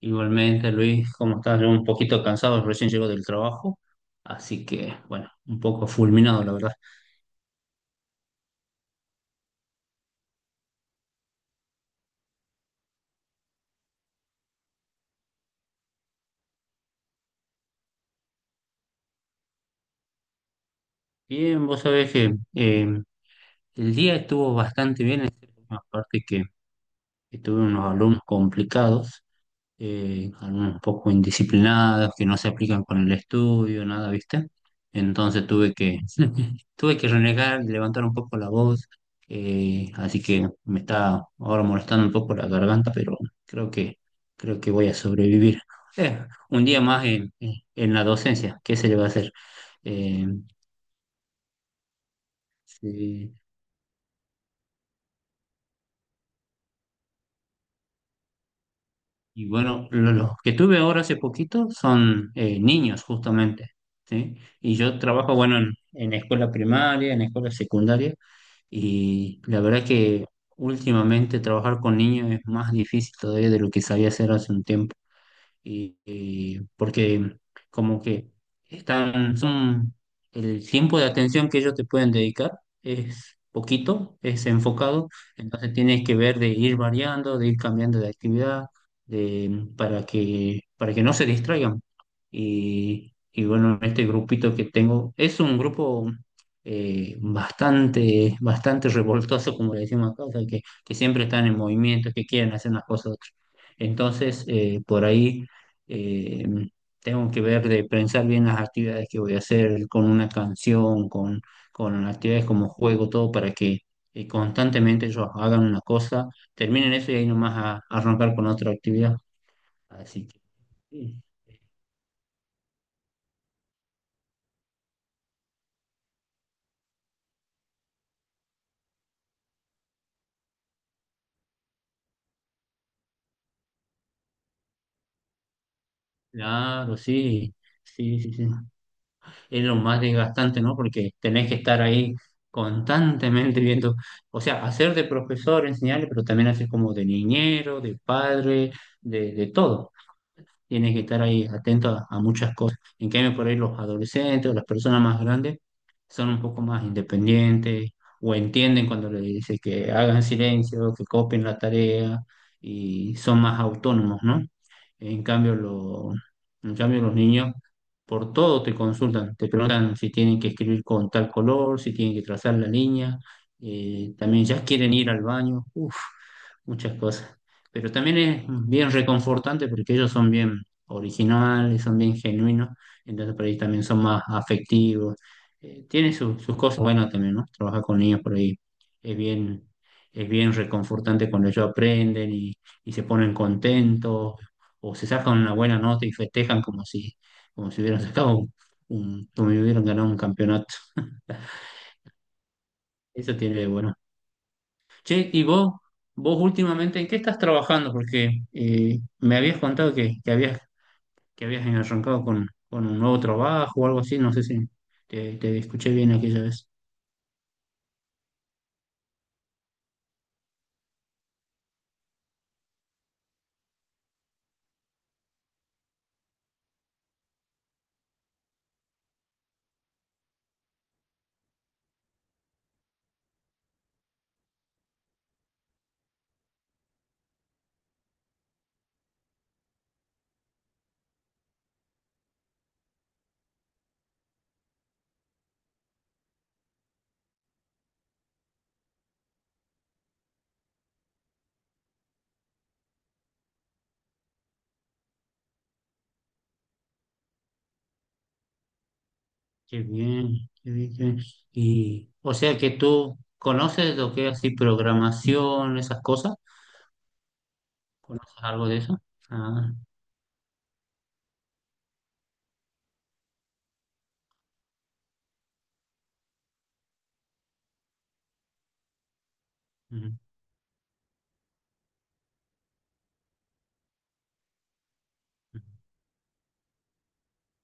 Igualmente, Luis, ¿cómo estás? Yo un poquito cansado, recién llego del trabajo, así que, bueno, un poco fulminado, la verdad. Bien, vos sabés que el día estuvo bastante bien, aparte que tuve unos alumnos complicados, algunos un poco indisciplinados, que no se aplican con el estudio, nada, ¿viste? Entonces tuve que renegar, levantar un poco la voz, así que me está ahora molestando un poco la garganta, pero creo que, creo que voy a sobrevivir. Eh, un día más en la docencia, ¿qué se le va a hacer? Eh, sí. Y bueno, los que tuve ahora hace poquito son niños justamente, ¿sí? Y yo trabajo, bueno, en escuela primaria, en escuela secundaria, y la verdad que últimamente trabajar con niños es más difícil todavía de lo que sabía hacer hace un tiempo y porque como que están, son, el tiempo de atención que ellos te pueden dedicar es poquito, es enfocado, entonces tienes que ver de ir variando, de ir cambiando de actividad, para que no se distraigan. Y bueno, este grupito que tengo es un grupo bastante revoltoso, como le decimos acá, o sea, que siempre están en movimiento, que quieren hacer unas cosas u otras. Entonces, por ahí eh, tengo que ver de pensar bien las actividades que voy a hacer con una canción, con actividades como juego, todo para que constantemente ellos hagan una cosa, terminen eso y ahí nomás a arrancar con otra actividad. Así que, sí, claro, sí, sí, sí, sí. Es lo más desgastante, ¿no? Porque tenés que estar ahí constantemente viendo, o sea, hacer de profesor, enseñarle, pero también hacer como de niñero, de padre, de todo. Tiene que estar ahí atento a muchas cosas. En cambio, por ahí los adolescentes o las personas más grandes son un poco más independientes o entienden cuando le dice que hagan silencio, que copien la tarea y son más autónomos, ¿no? En cambio, lo- en cambio los niños por todo te consultan, te preguntan si tienen que escribir con tal color, si tienen que trazar la línea, también ya quieren ir al baño. Uf, muchas cosas. Pero también es bien reconfortante porque ellos son bien originales, son bien genuinos, entonces por ahí también son más afectivos. Tiene sus cosas buenas también, ¿no? Trabajar con niños por ahí es bien, es bien reconfortante cuando ellos aprenden y se ponen contentos o se sacan una buena nota y festejan como si hubieran sacado como si hubieran ganado un campeonato. Eso tiene de bueno. Che, ¿vos últimamente en qué estás trabajando? Porque me habías contado que habías arrancado con un nuevo trabajo o algo así, no sé si te escuché bien aquella vez. Qué bien, qué bien, qué bien. Y, o sea que tú conoces lo que es así programación, esas cosas, ¿conoces algo de eso? Ah,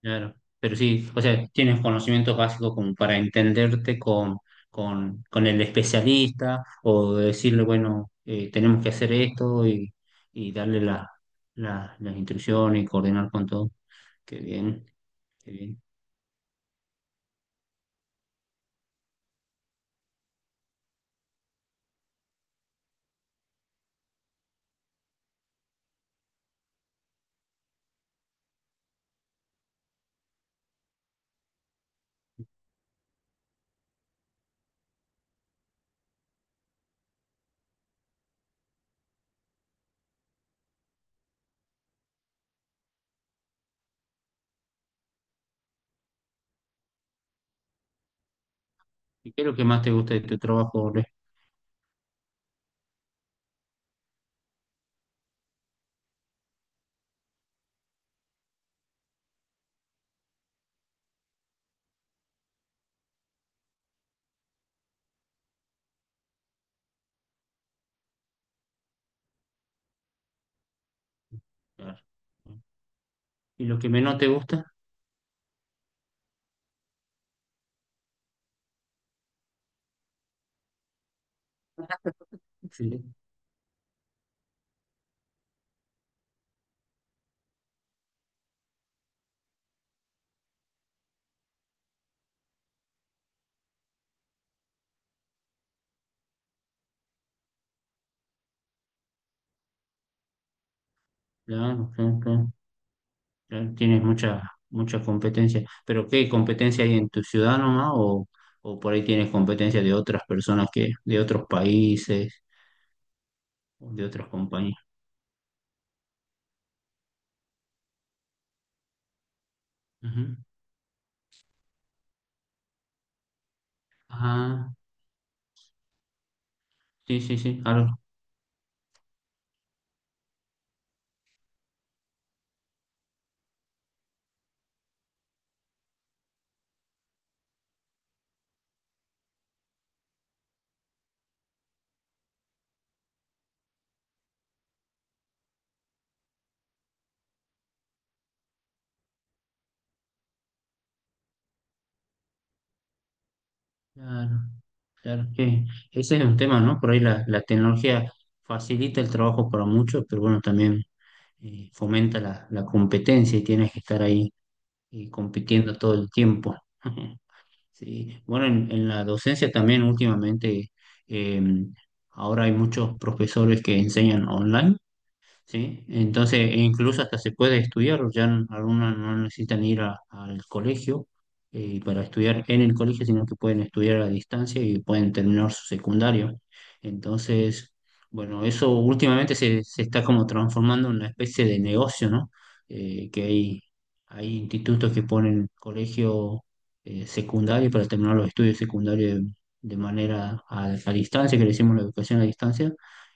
claro, pero sí, o sea, tienes conocimientos básicos como para entenderte con el especialista o decirle, bueno, tenemos que hacer esto y darle las instrucciones y coordinar con todo. Qué bien, qué bien. ¿Y qué es lo que más te gusta de tu trabajo, Ole? Claro. ¿No? ¿Y lo que menos te gusta? Sí, claro, claro, claro. Tienes mucha, mucha competencia, pero ¿qué competencia hay en tu ciudad nomás? O por ahí tienes competencia de otras personas que, de otros países, o de otras compañías? Ujú. Ah, sí, sí, sí, claro, claro, claro, que ese es un tema, ¿no? Por ahí la tecnología facilita el trabajo para muchos, pero bueno, también fomenta la competencia y tienes que estar ahí compitiendo todo el tiempo. Sí, bueno, en la docencia también últimamente, eh, ahora hay muchos profesores que enseñan online ¿sí? Entonces, e incluso hasta se puede estudiar, ya algunos no necesitan ir al colegio para estudiar en el colegio, sino que pueden estudiar a distancia y pueden terminar su secundario. Entonces, bueno, eso últimamente se está como transformando en una especie de negocio, ¿no? Eh, que hay, hay institutos que ponen colegio secundario para terminar los estudios secundarios de manera a distancia, que le decimos la educación a distancia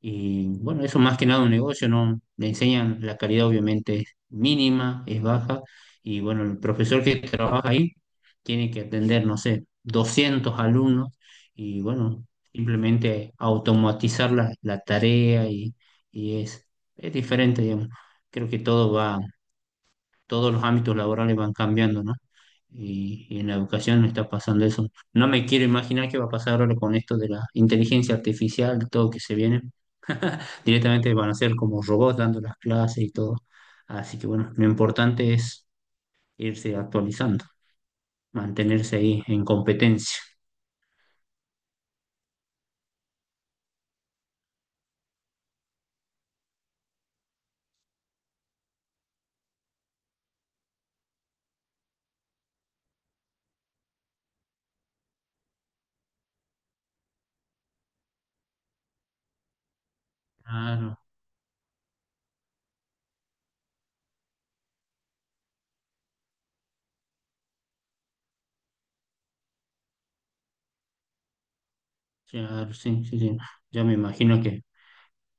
y bueno, eso más que nada un negocio, ¿no? Le enseñan la calidad obviamente es mínima, es baja, y bueno, el profesor que trabaja ahí tiene que atender, no sé, 200 alumnos y bueno, simplemente automatizar la tarea y es, es diferente, digamos. Creo que todo va, todos los ámbitos laborales van cambiando, ¿no? Y en la educación no está pasando eso. No me quiero imaginar qué va a pasar ahora con esto de la inteligencia artificial, todo que se viene directamente van a ser como robots dando las clases y todo. Así que bueno, lo importante es irse actualizando, mantenerse ahí en competencia. Claro, claro, sí, sí, sí. Ya me imagino que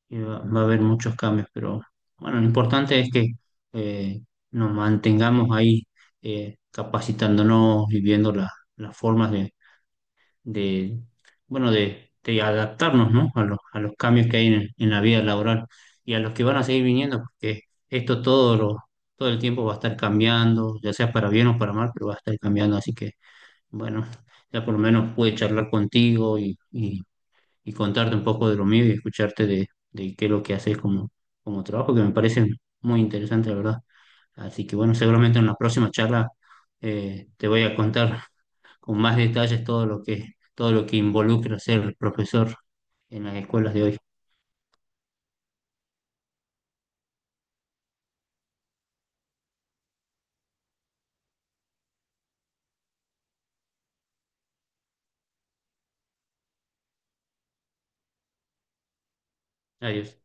va a haber muchos cambios, pero bueno, lo importante es que eh, nos mantengamos ahí capacitándonos y viendo las formas de, bueno, de adaptarnos, ¿no? A los cambios que hay en la vida laboral y a los que van a seguir viniendo, porque esto todo, lo, todo el tiempo va a estar cambiando, ya sea para bien o para mal, pero va a estar cambiando. Así que, bueno, ya por lo menos pude charlar contigo y contarte un poco de lo mío y escucharte de qué es lo que haces como, como trabajo, que me parece muy interesante, la verdad. Así que, bueno, seguramente en la próxima charla te voy a contar con más detalles todo lo que involucra ser profesor en las escuelas de hoy. Adiós.